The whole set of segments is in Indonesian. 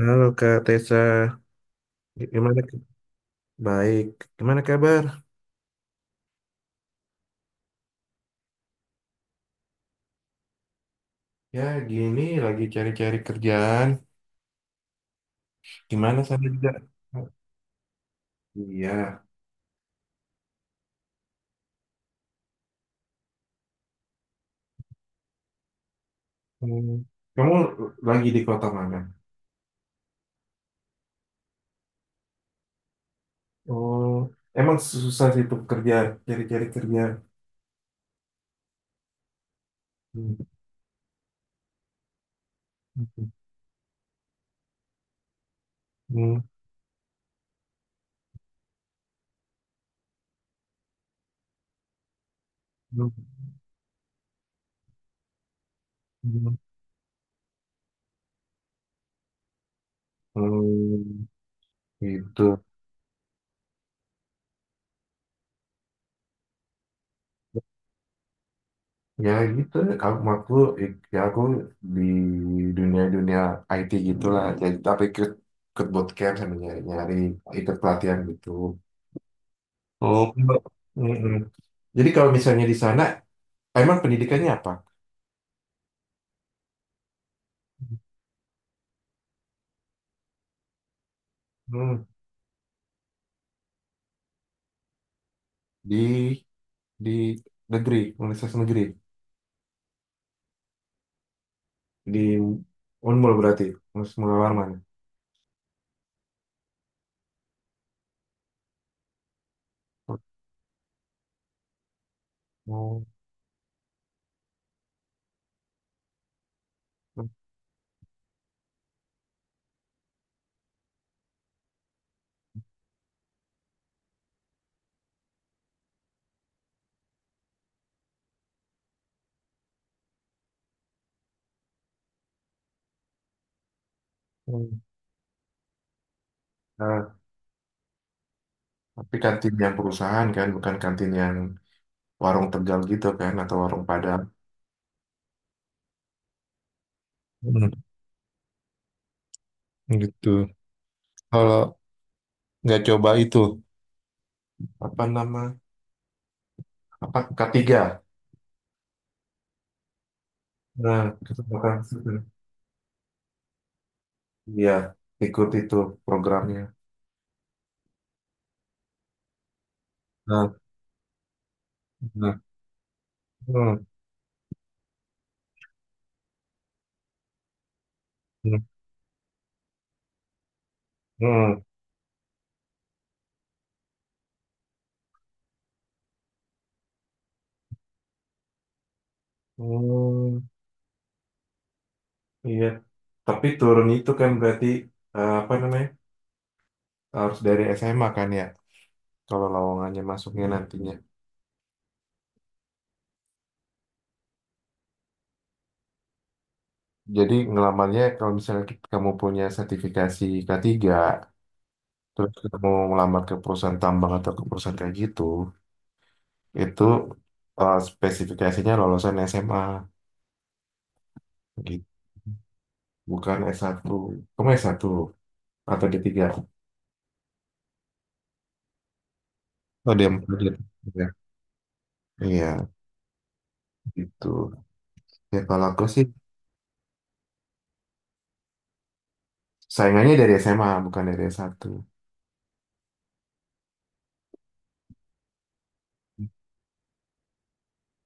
Halo Kak Tessa, gimana? Baik, gimana kabar? Ya gini, lagi cari-cari kerjaan. Gimana sana juga? Iya. Hmm, Kamu lagi di kota mana? Oh, emang susah sih itu kerjaan, cari-cari kerjaan. Hmm. Hmm. Hmm. Hmm. Gitu. Ya gitu, kamu aku ya aku di dunia-dunia IT gitulah. Jadi tapi ikut ikut bootcamp sama nyari ikut pelatihan gitu. Oh, Mbak. Mm-mm. Jadi kalau misalnya di sana emang pendidikannya apa? Hmm. di di negeri, universitas negeri di Unmul berarti, Universitas warman. Oh, mm. Nah, tapi kantin yang perusahaan kan, bukan kantin yang warung Tegal gitu kan, atau warung Padang. Gitu. Kalau nggak coba itu, apa nama, apa ketiga. Nah, kesempatan itu. Iya, ikut itu programnya. Nah, nah. Hmm. Hmm. Hmm. Hmm. Iya, tapi turun itu kan berarti, eh, apa namanya, harus dari SMA kan ya. Kalau lowongannya masuknya nantinya, jadi ngelamarnya kalau misalnya kamu punya sertifikasi K3, terus kamu ngelamar ke perusahaan tambang atau ke perusahaan kayak gitu. Itu, eh, spesifikasinya lulusan SMA gitu, bukan S1. Kamu S1 atau D3? Oh, D4, D3. Iya, gitu. Ya kalau aku sih saingannya dari SMA bukan dari S1.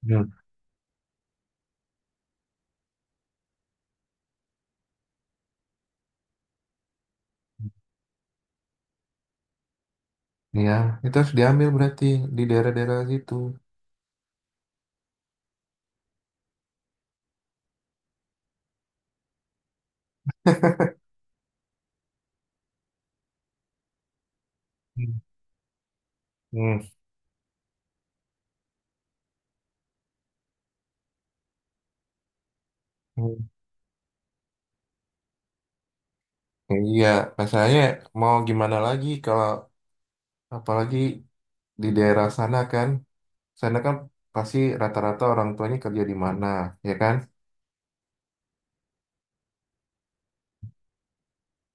Hmm. Iya, itu harus diambil berarti di daerah-daerah situ. Hmm. Hmm. Hmm. Iya, masalahnya mau gimana lagi kalau apalagi di daerah sana kan, pasti rata-rata orang tuanya kerja di mana, ya kan?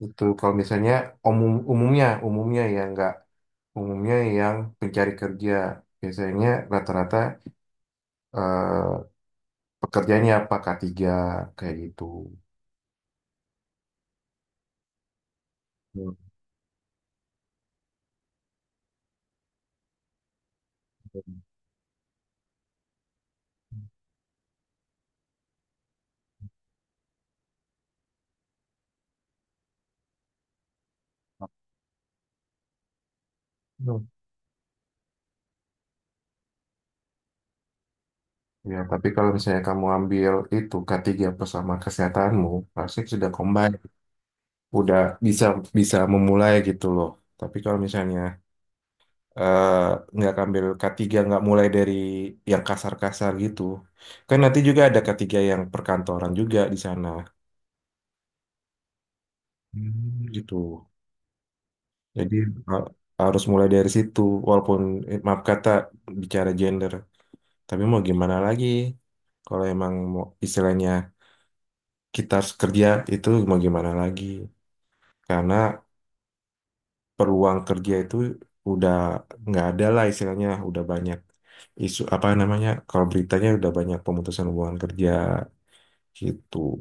Itu kalau misalnya umumnya ya nggak, umumnya yang pencari kerja biasanya rata-rata, eh, pekerjaannya apa, K3 kayak gitu. Hmm. Hmm. Ya, tapi kalau misalnya kamu ambil itu K3 plus sama kesehatanmu, pasti sudah combine, udah bisa bisa memulai gitu loh. Tapi kalau misalnya, eh, nggak ambil K3 nggak mulai dari yang kasar-kasar gitu, kan nanti juga ada K3 yang perkantoran juga di sana. Hmm, gitu. Jadi ha- harus mulai dari situ, walaupun, eh, maaf kata, bicara gender, tapi mau gimana lagi? Kalau emang mau istilahnya kita harus kerja, itu mau gimana lagi? Karena peluang kerja itu udah nggak ada lah istilahnya, udah banyak isu apa namanya? Kalau beritanya udah banyak pemutusan hubungan kerja gitu.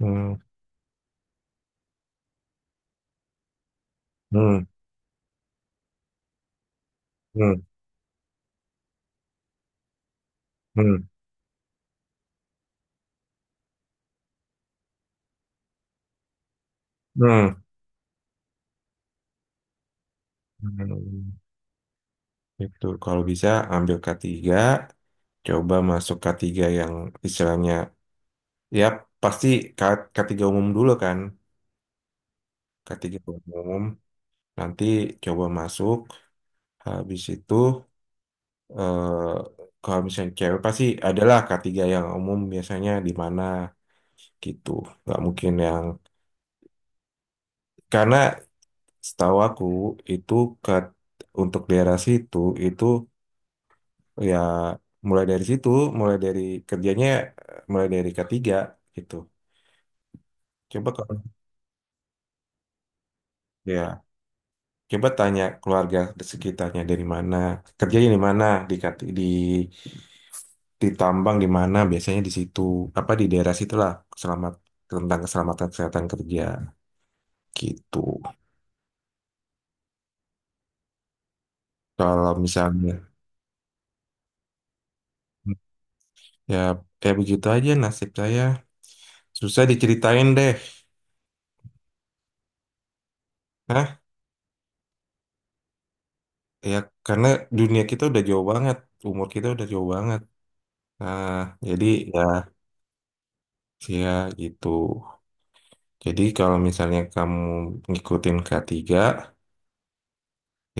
Hmm. Hmm. Hmm. Hmm. Hmm. Hmm. Itu kalau bisa ambil K3. Coba masuk K3 yang istilahnya, ya pasti K3 umum dulu kan, K3 umum, nanti coba masuk, habis itu, eh, kalau misalnya cewek pasti adalah K3 yang umum biasanya di mana gitu, nggak mungkin yang, karena setahu aku itu ke, untuk daerah situ itu ya mulai dari situ, mulai dari kerjanya, eh, mulai dari K3 gitu. Coba kalau ya. Coba tanya keluarga sekitarnya dari mana, kerjanya di mana, di, di ditambang di mana, biasanya di situ, apa di daerah situlah selamat tentang keselamatan kesehatan kerja gitu. Kalau misalnya, ya kayak begitu aja nasib saya. Susah diceritain deh. Nah. Ya karena dunia kita udah jauh banget, umur kita udah jauh banget. Nah, jadi ya, ya gitu. Jadi kalau misalnya kamu ngikutin K3,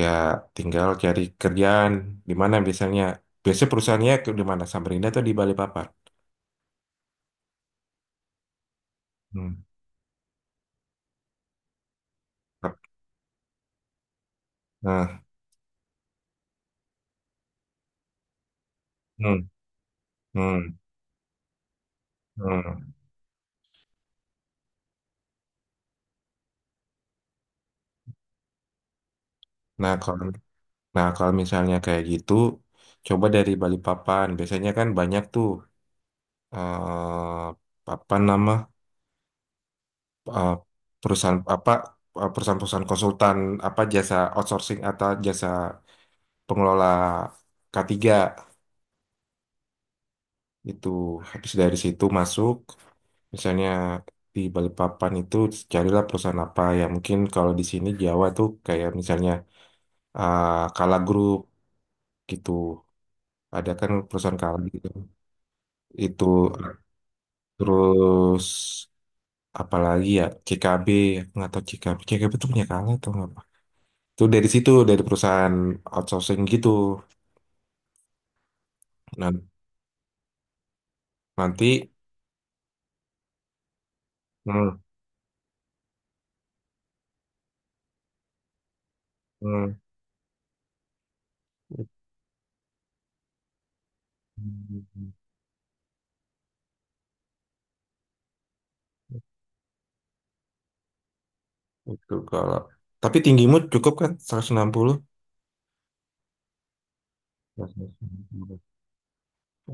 ya, tinggal cari kerjaan di mana biasanya. Biasanya perusahaannya ke di mana? Samarinda atau di Balikpapan? Hmm. Nah. Hmm. Hmm. Hmm. Nah, kalau nah, kalau misalnya kayak gitu, coba dari Balikpapan. Biasanya kan banyak tuh, eh, apa nama, eh, perusahaan apa, eh, perusahaan-perusahaan konsultan apa jasa outsourcing atau jasa pengelola K3. Itu habis dari situ masuk, misalnya di Balikpapan itu carilah perusahaan apa ya mungkin kalau di sini Jawa tuh kayak misalnya, ah, Kala Group gitu. Ada kan perusahaan Kala gitu. Itu terus apalagi ya CKB, nggak tahu, CKB CKB tuh punya Kala atau apa. Itu dari situ dari perusahaan outsourcing gitu. Nah, nanti. Hmm. Hmm. Itu kalau tapi tinggimu cukup kan, 160.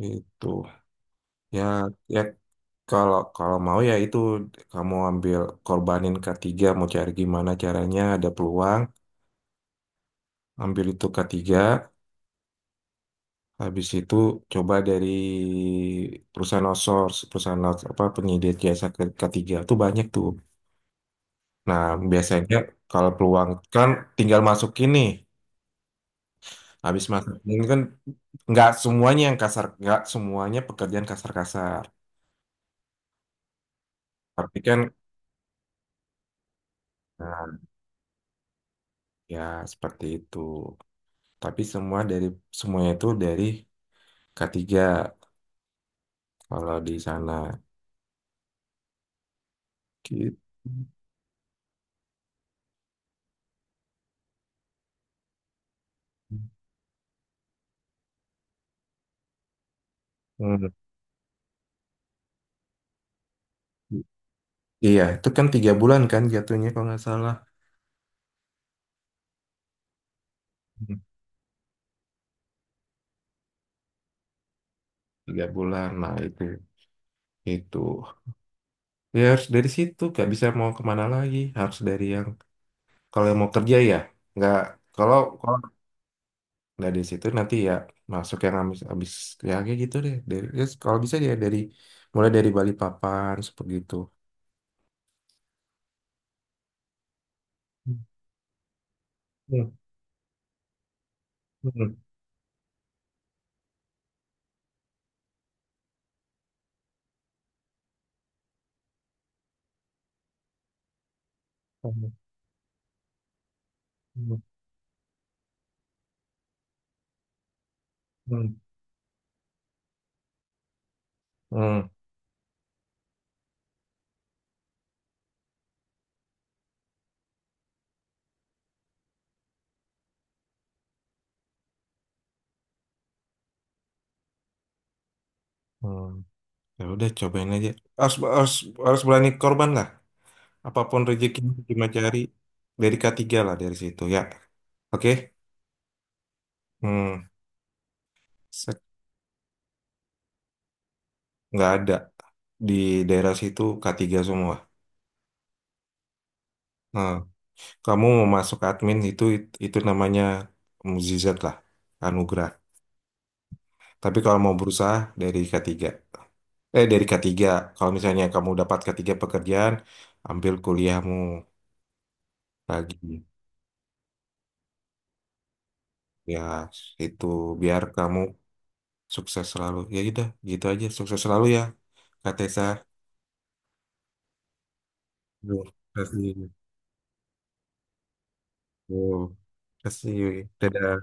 Itu ya, ya kalau kalau mau ya itu kamu ambil korbanin K3, mau cari gimana caranya ada peluang, ambil itu k tiga, habis itu coba dari perusahaan outsource, apa penyedia jasa K3 itu banyak tuh. Nah, biasanya kalau peluang kan tinggal masukin nih. Habis masukin kan nggak semuanya yang kasar, nggak semuanya pekerjaan kasar-kasar. Tapi kan, nah, ya seperti itu. Tapi semuanya itu dari K3 kalau di sana gitu. Hmm. Iya, itu kan 3 bulan kan jatuhnya kalau nggak salah. Hmm. Tiga bulan, nah itu ya harus dari situ nggak bisa mau kemana lagi harus dari yang kalau yang mau kerja ya nggak, kalau kalau nggak dari situ nanti ya masuk yang habis habis ya kayak gitu deh dari ya kalau bisa ya dari mulai dari Balikpapan seperti itu. Hmm. Hmm. Hmm. Hmm. Hmm. Hmm. Hmm. Hmm. Ya udah cobain aja. Harus, harus, harus berani korban lah. Apapun rezekinya cuma cari dari K3 lah dari situ ya. Oke. Hmm. Set. Nggak ada di daerah situ K3 semua. Nah, kamu mau masuk admin itu namanya mukjizat lah, anugerah. Tapi kalau mau berusaha dari K3. Eh dari K3. Kalau misalnya kamu dapat K3 pekerjaan, ambil kuliahmu lagi. Ya, itu biar kamu. Sukses selalu. Ya udah, gitu aja. Sukses selalu ya, Kak Tessa. Terima kasih. Terima kasih. Dadah.